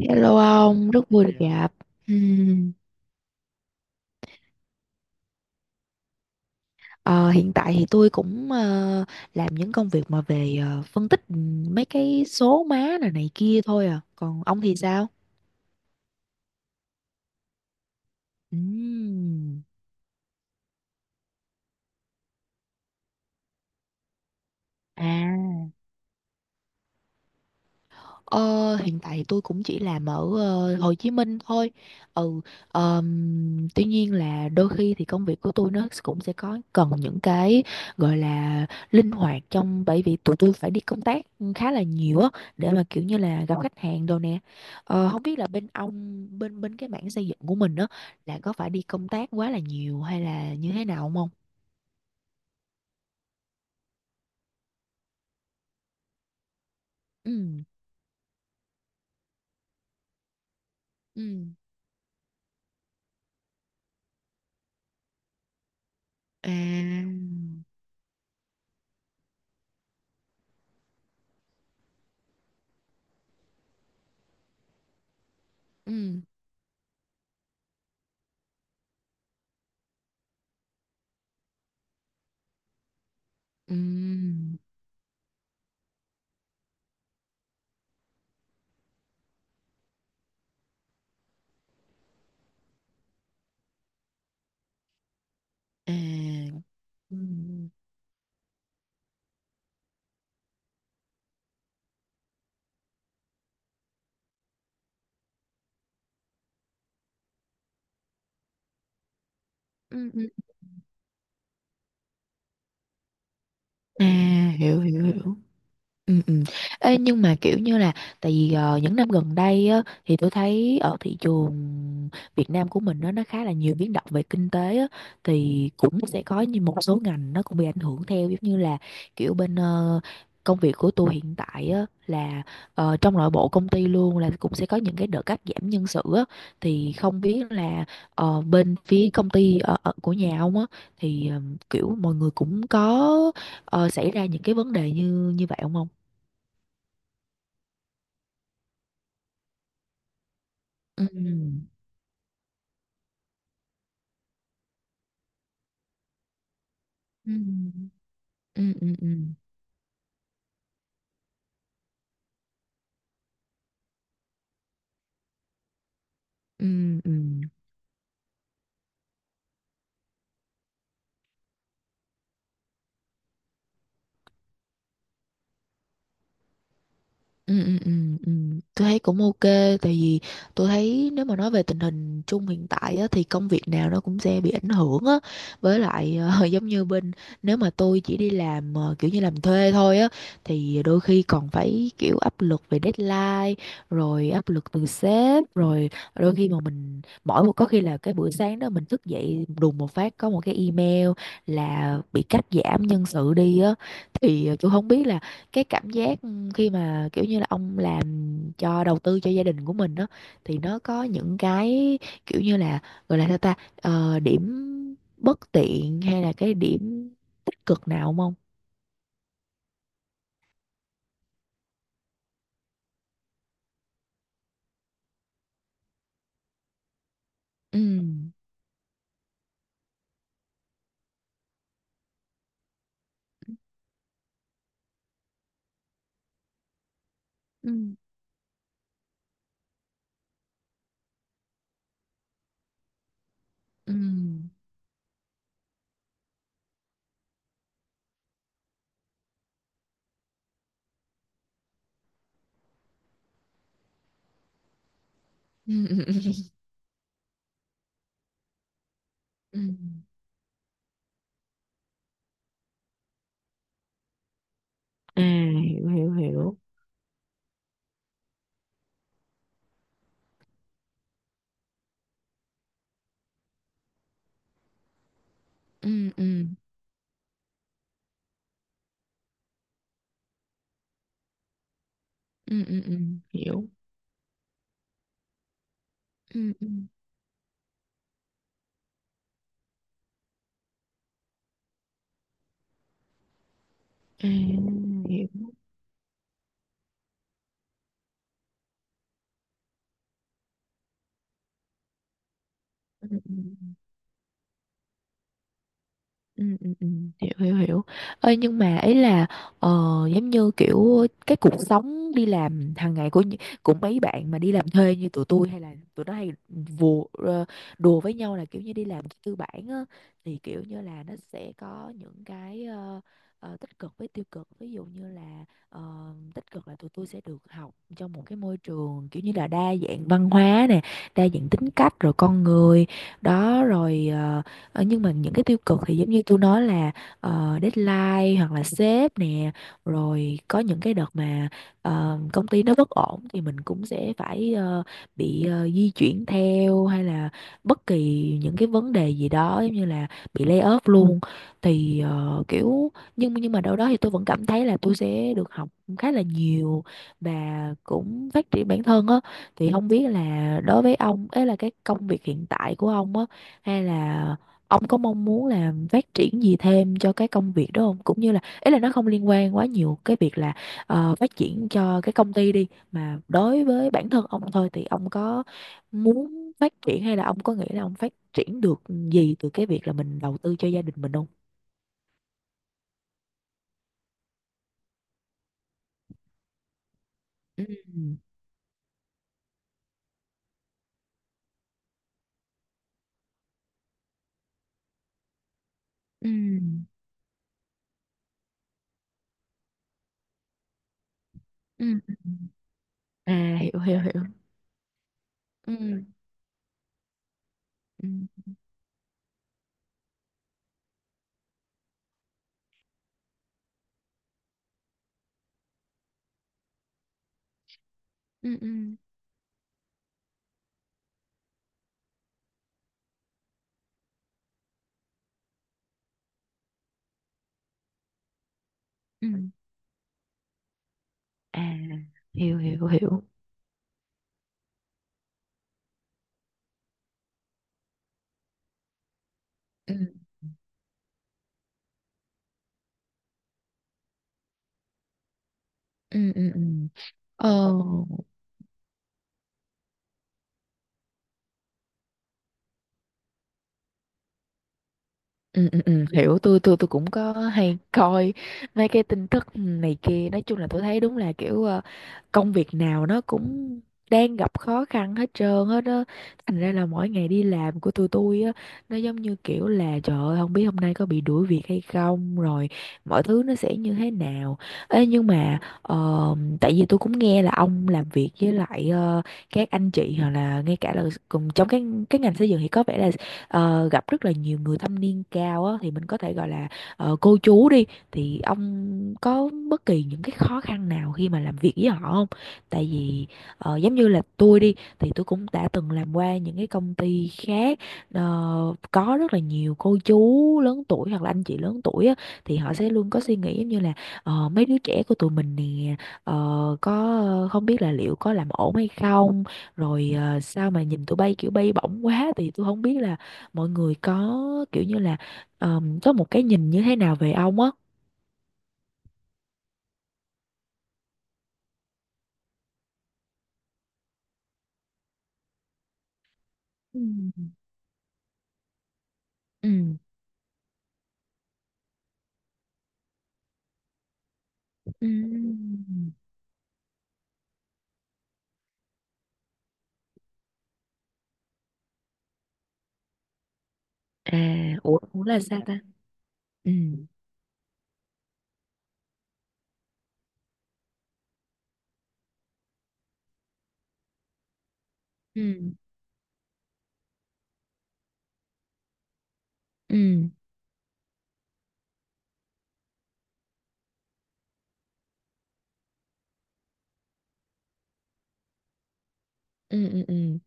Hello ông, rất vui được gặp. Ừm, ờ, hiện tại thì tôi cũng làm những công việc mà về phân tích mấy cái số má này này kia thôi à. Còn ông thì sao? Ừm. À. Ờ, hiện tại thì tôi cũng chỉ làm ở Hồ Chí Minh thôi. Ừ, tuy nhiên là đôi khi thì công việc của tôi nó cũng sẽ có cần những cái gọi là linh hoạt trong bởi vì tụi tôi phải đi công tác khá là nhiều á để mà kiểu như là gặp khách hàng đồ nè. Ờ, không biết là bên ông bên bên cái mảng xây dựng của mình đó là có phải đi công tác quá là nhiều hay là như thế nào không, ông? Ừ, ừ, à, ừ, ừ, à. Ừ, ừ, ừ. À, hiểu hiểu hiểu. Ừ, ừ. Ê, nhưng mà kiểu như là tại vì những năm gần đây á, thì tôi thấy ở thị trường Việt Nam của mình nó khá là nhiều biến động về kinh tế á, thì cũng sẽ có như một số ngành nó cũng bị ảnh hưởng theo giống như là kiểu bên công việc của tôi hiện tại á, là trong nội bộ công ty luôn là cũng sẽ có những cái đợt cắt giảm nhân sự á, thì không biết là bên phía công ty ở của nhà ông á thì kiểu mọi người cũng có xảy ra những cái vấn đề như như vậy không ông? Ừm, ừm, ừm, ừm, ừm, ừm, ừm. Ừ, ừ, ừ, ừ. Tôi thấy cũng ok, tại vì tôi thấy nếu mà nói về tình hình chung hiện tại á, thì công việc nào nó cũng sẽ bị ảnh hưởng á, với lại giống như bên nếu mà tôi chỉ đi làm kiểu như làm thuê thôi á thì đôi khi còn phải kiểu áp lực về deadline, rồi áp lực từ sếp rồi đôi khi mà mình mỗi một có khi là cái buổi sáng đó mình thức dậy đùng một phát có một cái email là bị cắt giảm nhân sự đi á, thì tôi không biết là cái cảm giác khi mà kiểu như là ông làm cho đầu tư cho gia đình của mình đó thì nó có những cái kiểu như là gọi là sao ta. Ờ, điểm bất tiện hay là cái điểm tích cực nào không ông? Ừ. Ừ. Ừ. Ừ. Ừ, ừ, ừ. À, hiểu hiểu hiểu. Ừ, ừ, ừ, ừ, ừ. Hiểu. Ừ, ừ. À, hiểu. Ừ, ừ. Ừ, ừ, ừ, hiểu hiểu hiểu, ơi nhưng mà ấy là ờ, giống như kiểu cái cuộc sống đi làm hàng ngày của của mấy bạn mà đi làm thuê như tụi tôi hay là tụi nó hay vù, đùa với nhau là kiểu như đi làm tư bản á thì kiểu như là nó sẽ có những cái tích cực với tiêu cực, ví dụ như là tích cực là tụi tôi sẽ được học trong một cái môi trường kiểu như là đa dạng văn hóa nè, đa dạng tính cách rồi con người đó rồi Ờ, nhưng mà những cái tiêu cực thì giống như tôi nói là deadline hoặc là sếp nè, rồi có những cái đợt mà công ty nó bất ổn thì mình cũng sẽ phải bị di chuyển theo hay là bất kỳ những cái vấn đề gì đó giống như là bị lay off luôn. Ừ, thì kiểu nhưng mà đâu đó thì tôi vẫn cảm thấy là tôi sẽ được học khá là nhiều và cũng phát triển bản thân á, thì không biết là đối với ông ấy là cái công việc hiện tại của ông á, hay là ông có mong muốn là phát triển gì thêm cho cái công việc đó không, cũng như là ý là nó không liên quan quá nhiều cái việc là phát triển cho cái công ty đi mà đối với bản thân ông thôi thì ông có muốn phát triển hay là ông có nghĩ là ông phát triển được gì từ cái việc là mình đầu tư cho gia đình mình không? Ừ, ừ, ừ, ừ. À, hiểu hiểu hiểu. Ừ, ừ, ừ, ừ, ừ. À, hiểu hiểu hiểu. Ừ, ừ, ừ, ừ. Ờ. Ừ, ừ, ừ, hiểu, tôi cũng có hay coi mấy cái tin tức này kia, nói chung là tôi thấy đúng là kiểu công việc nào nó cũng đang gặp khó khăn hết trơn hết á, thành ra là mỗi ngày đi làm của tụi tôi á nó giống như kiểu là trời ơi không biết hôm nay có bị đuổi việc hay không rồi mọi thứ nó sẽ như thế nào. Ê, nhưng mà tại vì tôi cũng nghe là ông làm việc với lại các anh chị hoặc là ngay cả là cùng trong cái ngành xây dựng thì có vẻ là gặp rất là nhiều người thâm niên cao á, thì mình có thể gọi là cô chú đi, thì ông có bất kỳ những cái khó khăn nào khi mà làm việc với họ không? Tại vì giống như là tôi đi thì tôi cũng đã từng làm qua những cái công ty khác, có rất là nhiều cô chú lớn tuổi hoặc là anh chị lớn tuổi á, thì họ sẽ luôn có suy nghĩ giống như là mấy đứa trẻ của tụi mình nè, có không biết là liệu có làm ổn hay không, rồi sao mà nhìn tụi bay kiểu bay bổng quá, thì tôi không biết là mọi người có kiểu như là có một cái nhìn như thế nào về ông á. Ừ. Ừ. Ừ. À, ủa, ủa là sao ta? Ừ. Ừ. Ừ. Ừ, ừ, ừ.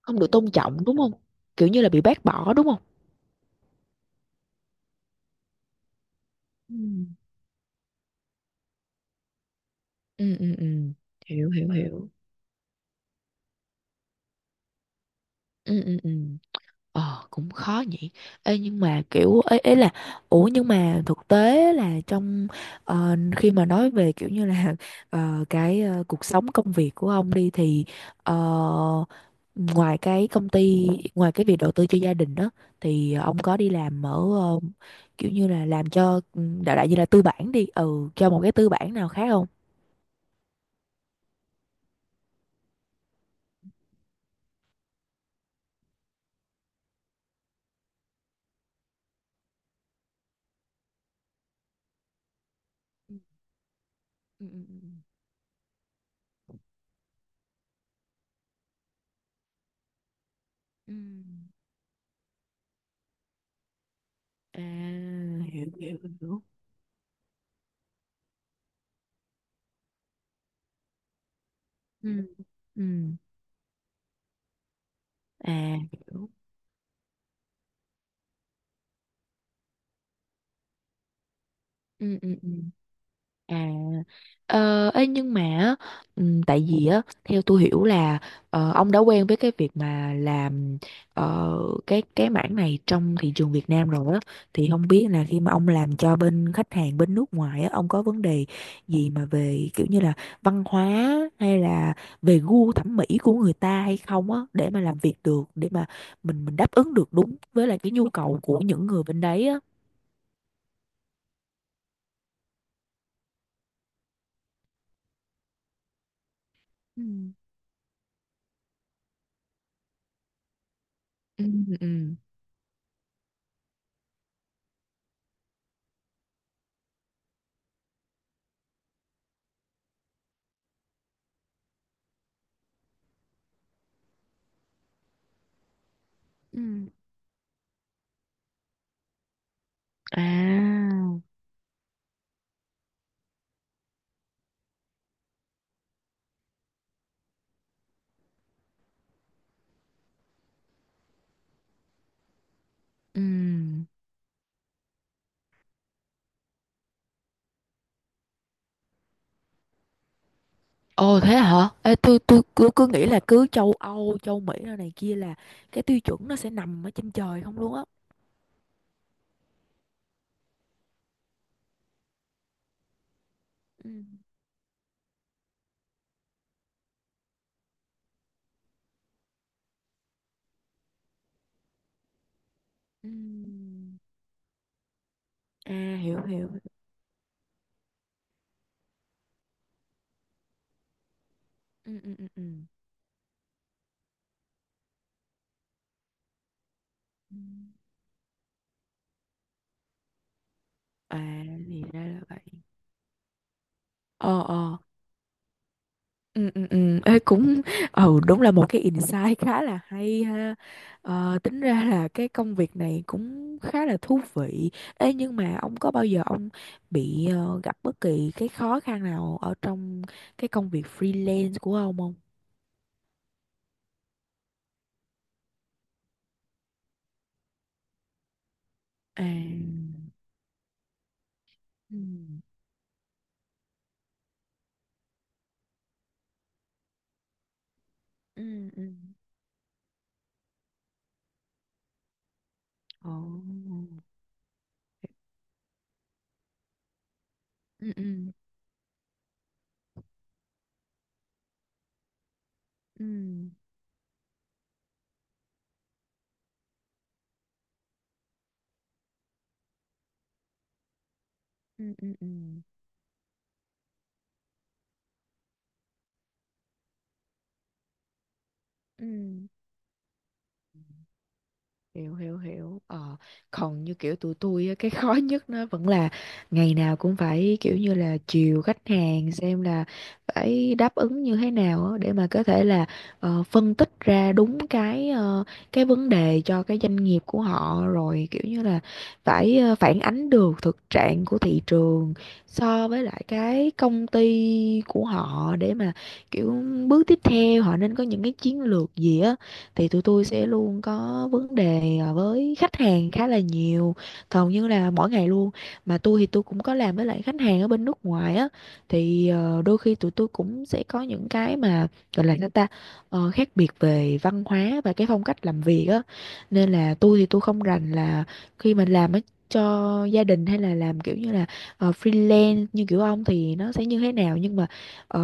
Không được tôn trọng đúng không? Kiểu như là bị bác bỏ đúng không? Ừ. Ừ, ừ, ừ. Hiểu, hiểu, hiểu. Ừ, ừ, ừ. Ờ cũng khó nhỉ. Ê, nhưng mà kiểu ấy, ấy là ủa nhưng mà thực tế là trong khi mà nói về kiểu như là cuộc sống công việc của ông đi thì ờ, ngoài cái công ty, ngoài cái việc đầu tư cho gia đình đó thì ông có đi làm ở ờ, kiểu như là làm cho đại đại như là tư bản đi ừ cho một cái tư bản nào khác không? Ừ, ừ, ừ, ừ. Ừ. À, hiểu hiểu hiểu. Ừ. Ừ. À, hiểu. Ừ, ừ, ừ. À, ê, nhưng mà á, tại vì á theo tôi hiểu là ông đã quen với cái việc mà làm ờ, cái mảng này trong thị trường Việt Nam rồi á, thì không biết là khi mà ông làm cho bên khách hàng bên nước ngoài á ông có vấn đề gì mà về kiểu như là văn hóa hay là về gu thẩm mỹ của người ta hay không á để mà làm việc được, để mà mình đáp ứng được đúng với lại cái nhu cầu của những người bên đấy á. Ừ. Ừ, ừ. Ừ. À, ừm. Ồ thế hả? Ê, tôi cứ cứ nghĩ là cứ châu Âu, châu Mỹ rồi này kia là cái tiêu chuẩn nó sẽ nằm ở trên trời không luôn á. Ừm, ừm. À, hiểu hiểu. Ừ, ừ, ừ, ừ. Ừm. À thì ra là vậy. Ờ ờ. Ừ, ừ, ừ. Ê, cũng ừ đúng là một cái insight khá là hay ha, tính ra là cái công việc này cũng khá là thú vị. Ê, nhưng mà ông có bao giờ ông bị gặp bất kỳ cái khó khăn nào ở trong cái công việc freelance của ông không? À. Ừ, ừ, ừ. Ồ. Ừ, ừ, ừ, ừ, ừ, ừ, ừ hiểu hiểu hiểu. Ờ, còn như kiểu tụi tôi á, cái khó nhất nó vẫn là ngày nào cũng phải kiểu như là chiều khách hàng xem là phải đáp ứng như thế nào á, để mà có thể là phân tích ra đúng cái vấn đề cho cái doanh nghiệp của họ rồi kiểu như là phải phản ánh được thực trạng của thị trường so với lại cái công ty của họ để mà kiểu bước tiếp theo họ nên có những cái chiến lược gì á, thì tụi tôi sẽ luôn có vấn đề à, với khách hàng khá là nhiều, hầu như là mỗi ngày luôn. Mà tôi thì tôi cũng có làm với lại khách hàng ở bên nước ngoài á, thì đôi khi tụi tôi cũng sẽ có những cái mà gọi là sao ta. Ờ, khác biệt về văn hóa và cái phong cách làm việc á, nên là tôi thì tôi không rành là khi mình làm á cho gia đình hay là làm kiểu như là freelance như kiểu ông thì nó sẽ như thế nào, nhưng mà ờ,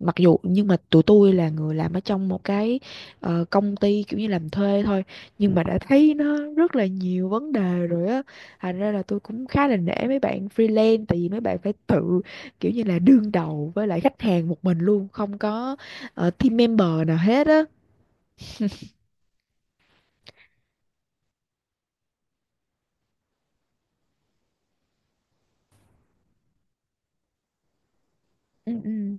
mặc dù nhưng mà tụi tôi là người làm ở trong một cái công ty kiểu như làm thuê thôi, nhưng mà đã thấy nó rất là nhiều vấn đề rồi á, thành ra là tôi cũng khá là nể mấy bạn freelance tại vì mấy bạn phải tự kiểu như là đương đầu với lại khách hàng một mình luôn, không có team member nào hết á. Ừ, ừ.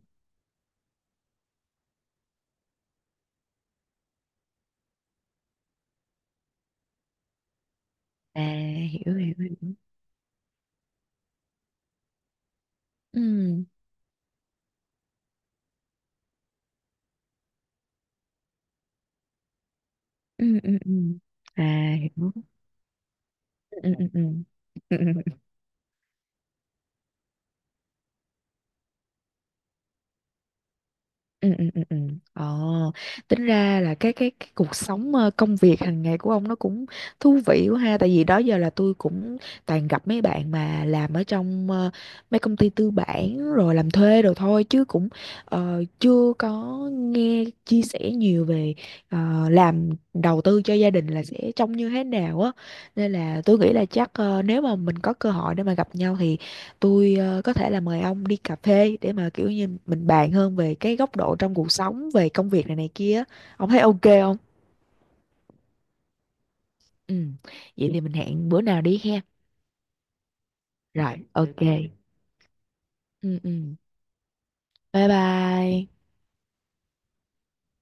À, hiểu hiểu hiểu. Ừ, ừ, ừ, ừ, ừ. À, hiểu. Ừ, ừ, ừ. Ừ. Ừ, ừ, ừ, ừ. Ờ, tính ra là cái cuộc sống công việc hàng ngày của ông nó cũng thú vị quá ha, tại vì đó giờ là tôi cũng toàn gặp mấy bạn mà làm ở trong mấy công ty tư bản rồi làm thuê đồ thôi chứ cũng chưa có nghe chia sẻ nhiều về làm đầu tư cho gia đình là sẽ trông như thế nào á, nên là tôi nghĩ là chắc nếu mà mình có cơ hội để mà gặp nhau thì tôi có thể là mời ông đi cà phê để mà kiểu như mình bàn hơn về cái góc độ trong cuộc sống về công việc này này kia. Ông thấy ok không? Ừ, vậy thì mình hẹn bữa nào đi ha. Rồi ok. Ừ, ừ, bye bye.